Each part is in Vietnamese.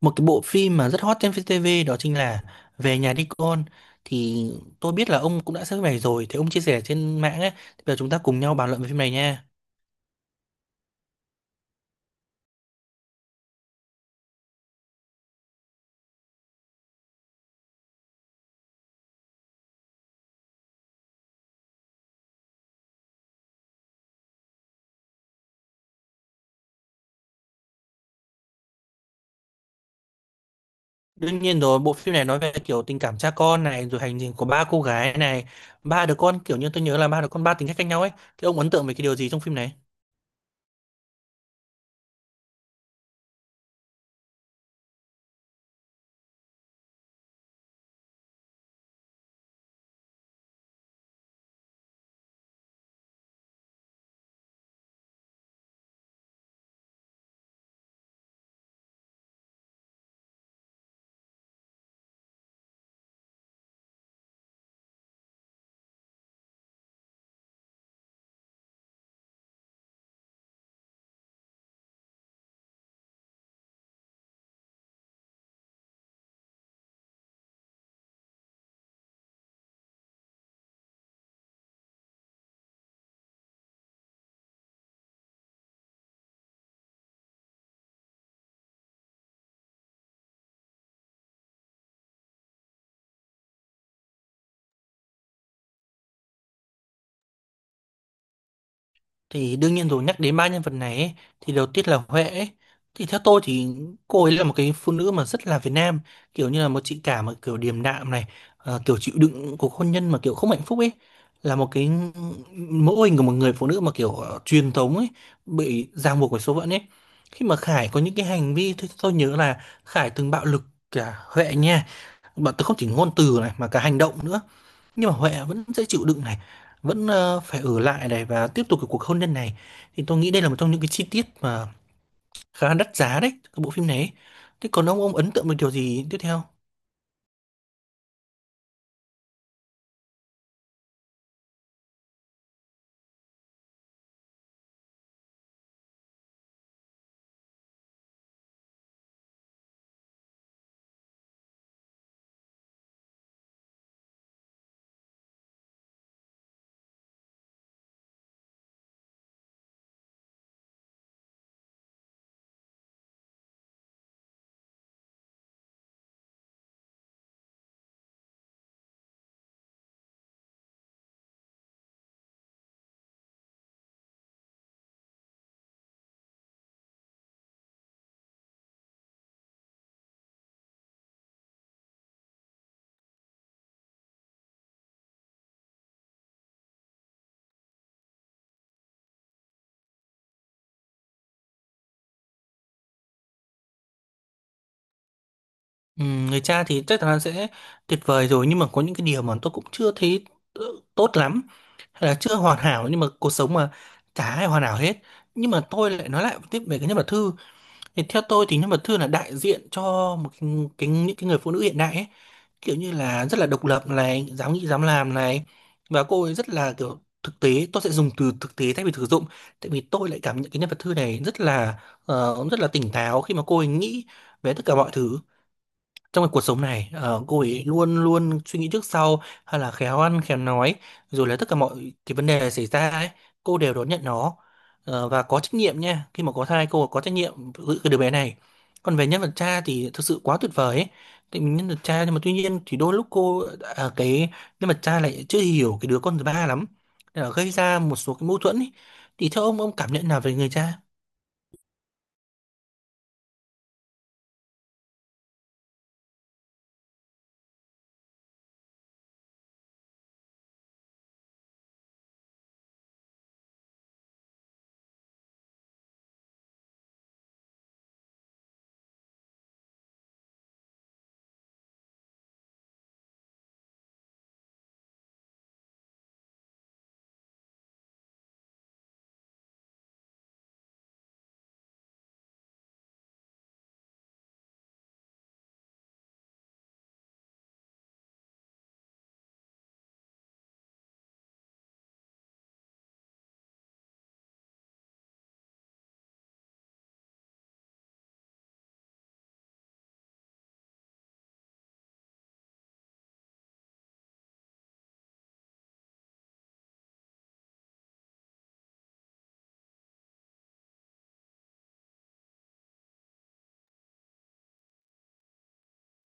Một cái bộ phim mà rất hot trên VTV đó chính là Về nhà đi con. Thì tôi biết là ông cũng đã xem phim này rồi, thì ông chia sẻ trên mạng ấy, thì bây giờ chúng ta cùng nhau bàn luận về phim này nha. Đương nhiên rồi, bộ phim này nói về kiểu tình cảm cha con này, rồi hành trình của ba cô gái này, ba đứa con, kiểu như tôi nhớ là ba đứa con ba tính cách khác nhau ấy. Thì ông ấn tượng về cái điều gì trong phim này? Thì đương nhiên rồi, nhắc đến ba nhân vật này ấy, thì đầu tiên là Huệ ấy. Thì theo tôi thì cô ấy là một cái phụ nữ mà rất là Việt Nam, kiểu như là một chị cả mà kiểu điềm đạm này, kiểu chịu đựng cuộc hôn nhân mà kiểu không hạnh phúc ấy, là một cái mẫu hình của một người phụ nữ mà kiểu truyền thống ấy, bị ràng buộc bởi số phận ấy. Khi mà Khải có những cái hành vi, tôi nhớ là Khải từng bạo lực cả Huệ nha, bọn tôi không chỉ ngôn từ này mà cả hành động nữa, nhưng mà Huệ vẫn sẽ chịu đựng này, vẫn phải ở lại này và tiếp tục cái cuộc hôn nhân này. Thì tôi nghĩ đây là một trong những cái chi tiết mà khá là đắt giá đấy, cái bộ phim này ấy. Thế còn ông ấn tượng với điều gì tiếp theo? Người cha thì chắc chắn sẽ tuyệt vời rồi, nhưng mà có những cái điều mà tôi cũng chưa thấy ờ, tốt lắm, hay là chưa hoàn hảo, nhưng mà cuộc sống mà, chả ai hoàn hảo hết. Nhưng mà tôi lại nói lại tiếp về cái nhân vật Thư, thì theo tôi thì nhân vật Thư là đại diện cho một cái những cái người phụ nữ hiện đại ấy, kiểu như là rất là độc lập này, dám nghĩ dám làm này, và cô ấy rất là kiểu thực tế, tôi sẽ dùng từ thực tế thay vì thực dụng, tại vì tôi lại cảm nhận cái nhân vật Thư này rất là, rất là tỉnh táo khi mà cô ấy nghĩ về tất cả mọi thứ trong cái cuộc sống này. Ờ, cô ấy luôn luôn suy nghĩ trước sau, hay là khéo ăn khéo nói, rồi là tất cả mọi cái vấn đề xảy ra ấy, cô đều đón nhận nó. Ờ, và có trách nhiệm nha, khi mà có thai cô có trách nhiệm giữ cái đứa bé này. Còn về nhân vật cha thì thực sự quá tuyệt vời ấy, thì nhân vật cha, nhưng mà tuy nhiên thì đôi lúc cô, à, cái nhân vật cha lại chưa hiểu cái đứa con thứ ba lắm, nên là gây ra một số cái mâu thuẫn ấy. Thì theo ông cảm nhận nào về người cha?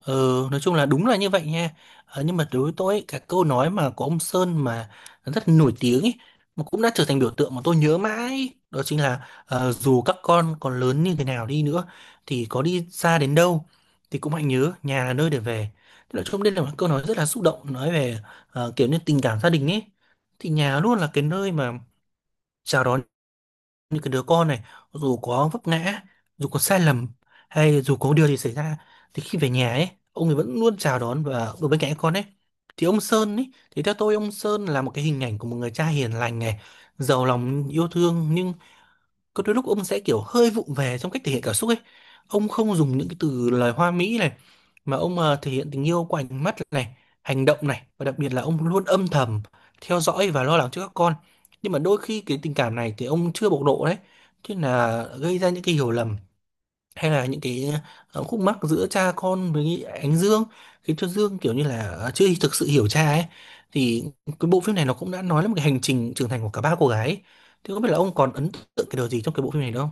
Ừ, nói chung là đúng là như vậy nha. Ờ, nhưng mà đối với tôi ấy, cái câu nói mà của ông Sơn mà rất nổi tiếng ấy, mà cũng đã trở thành biểu tượng mà tôi nhớ mãi ấy, đó chính là, ờ, dù các con còn lớn như thế nào đi nữa, thì có đi xa đến đâu thì cũng hãy nhớ nhà là nơi để về. Thế nói chung đây là một câu nói rất là xúc động, nói về kiểu như tình cảm gia đình ấy. Thì nhà luôn là cái nơi mà chào đón như cái đứa con này, dù có vấp ngã, dù có sai lầm, hay dù có điều gì xảy ra, thì khi về nhà ấy ông ấy vẫn luôn chào đón và ở bên cạnh con ấy. Thì ông Sơn ấy, thì theo tôi ông Sơn là một cái hình ảnh của một người cha hiền lành này, giàu lòng yêu thương, nhưng có đôi lúc ông sẽ kiểu hơi vụng về trong cách thể hiện cảm xúc ấy. Ông không dùng những cái từ lời hoa mỹ này, mà ông thể hiện tình yêu qua ánh mắt này, hành động này, và đặc biệt là ông luôn âm thầm theo dõi và lo lắng cho các con. Nhưng mà đôi khi cái tình cảm này thì ông chưa bộc lộ đấy, thế là gây ra những cái hiểu lầm, hay là những cái khúc mắc giữa cha con với ánh Dương, khiến cho Dương kiểu như là, chưa thực sự hiểu cha ấy. Thì cái bộ phim này nó cũng đã nói lên một cái hành trình trưởng thành của cả ba cô gái ấy. Thì không biết là ông còn ấn tượng cái điều gì trong cái bộ phim này không?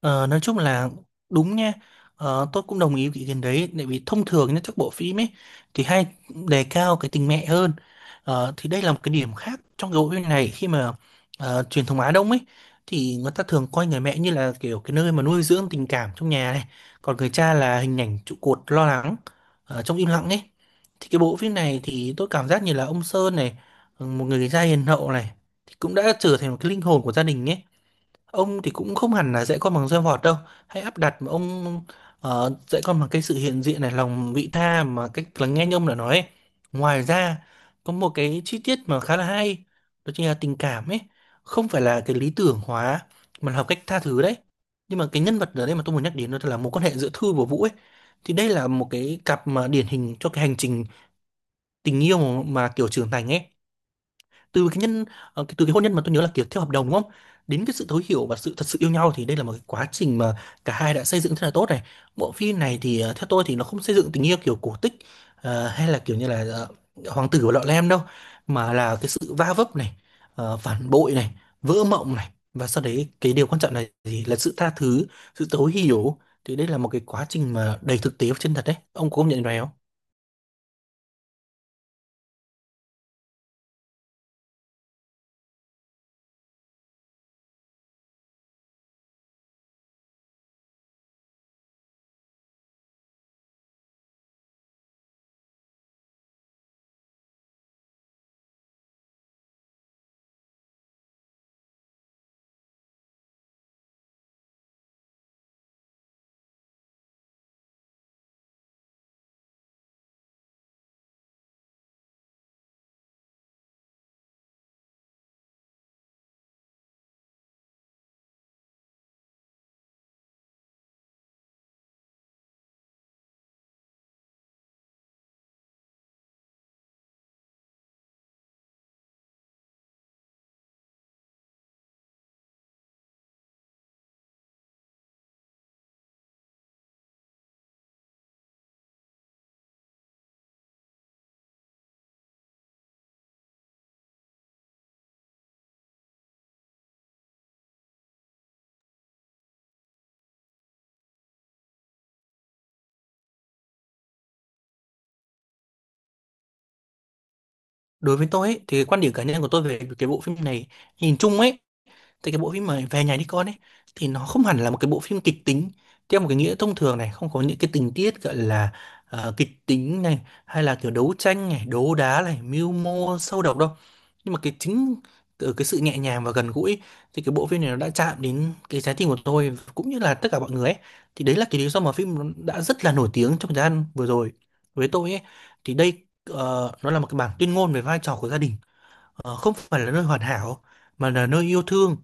Ờ, nói chung là đúng nha. Tôi cũng đồng ý với ý kiến đấy, tại vì thông thường nhá, các bộ phim ấy thì hay đề cao cái tình mẹ hơn. Thì đây là một cái điểm khác trong cái bộ phim này, khi mà truyền thống Á Đông ấy, thì người ta thường coi người mẹ như là kiểu cái nơi mà nuôi dưỡng tình cảm trong nhà này, còn người cha là hình ảnh trụ cột, lo lắng trong im lặng ấy. Thì cái bộ phim này thì tôi cảm giác như là ông Sơn này, ừ, một người cha hiền hậu này, thì cũng đã trở thành một cái linh hồn của gia đình ấy. Ông thì cũng không hẳn là dạy con bằng roi vọt đâu, hãy áp đặt, mà ông dạy con bằng cái sự hiện diện này, lòng vị tha mà cách lắng nghe như ông đã nói ấy. Ngoài ra có một cái chi tiết mà khá là hay, đó chính là tình cảm ấy không phải là cái lý tưởng hóa, mà là học cách tha thứ đấy. Nhưng mà cái nhân vật ở đây mà tôi muốn nhắc đến đó là mối quan hệ giữa Thư và Vũ ấy. Thì đây là một cái cặp mà điển hình cho cái hành trình tình yêu mà kiểu trưởng thành ấy, từ cái nhân từ cái hôn nhân mà tôi nhớ là kiểu theo hợp đồng, đúng không, đến cái sự thấu hiểu và sự thật sự yêu nhau. Thì đây là một cái quá trình mà cả hai đã xây dựng rất là tốt này. Bộ phim này thì theo tôi thì nó không xây dựng tình yêu kiểu cổ tích, hay là kiểu như là, hoàng tử và lọ lem đâu, mà là cái sự va vấp này, phản bội này, vỡ mộng này, và sau đấy cái điều quan trọng là gì, là sự tha thứ, sự thấu hiểu. Thì đây là một cái quá trình mà đầy thực tế và chân thật đấy, ông có công nhận điều này không? Đối với tôi ấy, thì cái quan điểm cá nhân của tôi về cái bộ phim này, nhìn chung ấy, thì cái bộ phim mà Về nhà đi con ấy, thì nó không hẳn là một cái bộ phim kịch tính theo một cái nghĩa thông thường này, không có những cái tình tiết gọi là kịch tính này, hay là kiểu đấu tranh này, đấu đá này, mưu mô sâu độc đâu. Nhưng mà cái chính từ cái sự nhẹ nhàng và gần gũi, thì cái bộ phim này nó đã chạm đến cái trái tim của tôi cũng như là tất cả mọi người ấy. Thì đấy là cái lý do mà phim nó đã rất là nổi tiếng trong thời gian vừa rồi, với tôi ấy. Thì đây, nó là một cái bản tuyên ngôn về vai trò của gia đình, không phải là nơi hoàn hảo, mà là nơi yêu thương,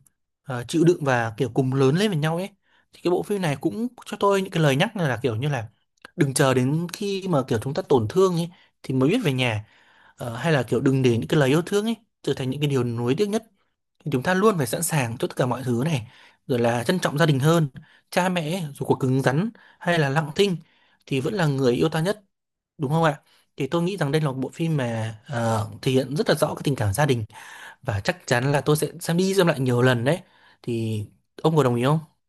chịu đựng và kiểu cùng lớn lên với nhau ấy. Thì cái bộ phim này cũng cho tôi những cái lời nhắc là kiểu như là đừng chờ đến khi mà kiểu chúng ta tổn thương ấy, thì mới biết về nhà. Ờ, hay là kiểu đừng để những cái lời yêu thương ấy trở thành những cái điều nuối tiếc nhất. Thì chúng ta luôn phải sẵn sàng cho tất cả mọi thứ này, rồi là trân trọng gia đình hơn. Cha mẹ ấy, dù có cứng rắn hay là lặng thinh, thì vẫn là người yêu ta nhất, đúng không ạ? Thì tôi nghĩ rằng đây là một bộ phim mà thể hiện rất là rõ cái tình cảm gia đình, và chắc chắn là tôi sẽ xem đi xem lại nhiều lần đấy. Thì ông có đồng ý không?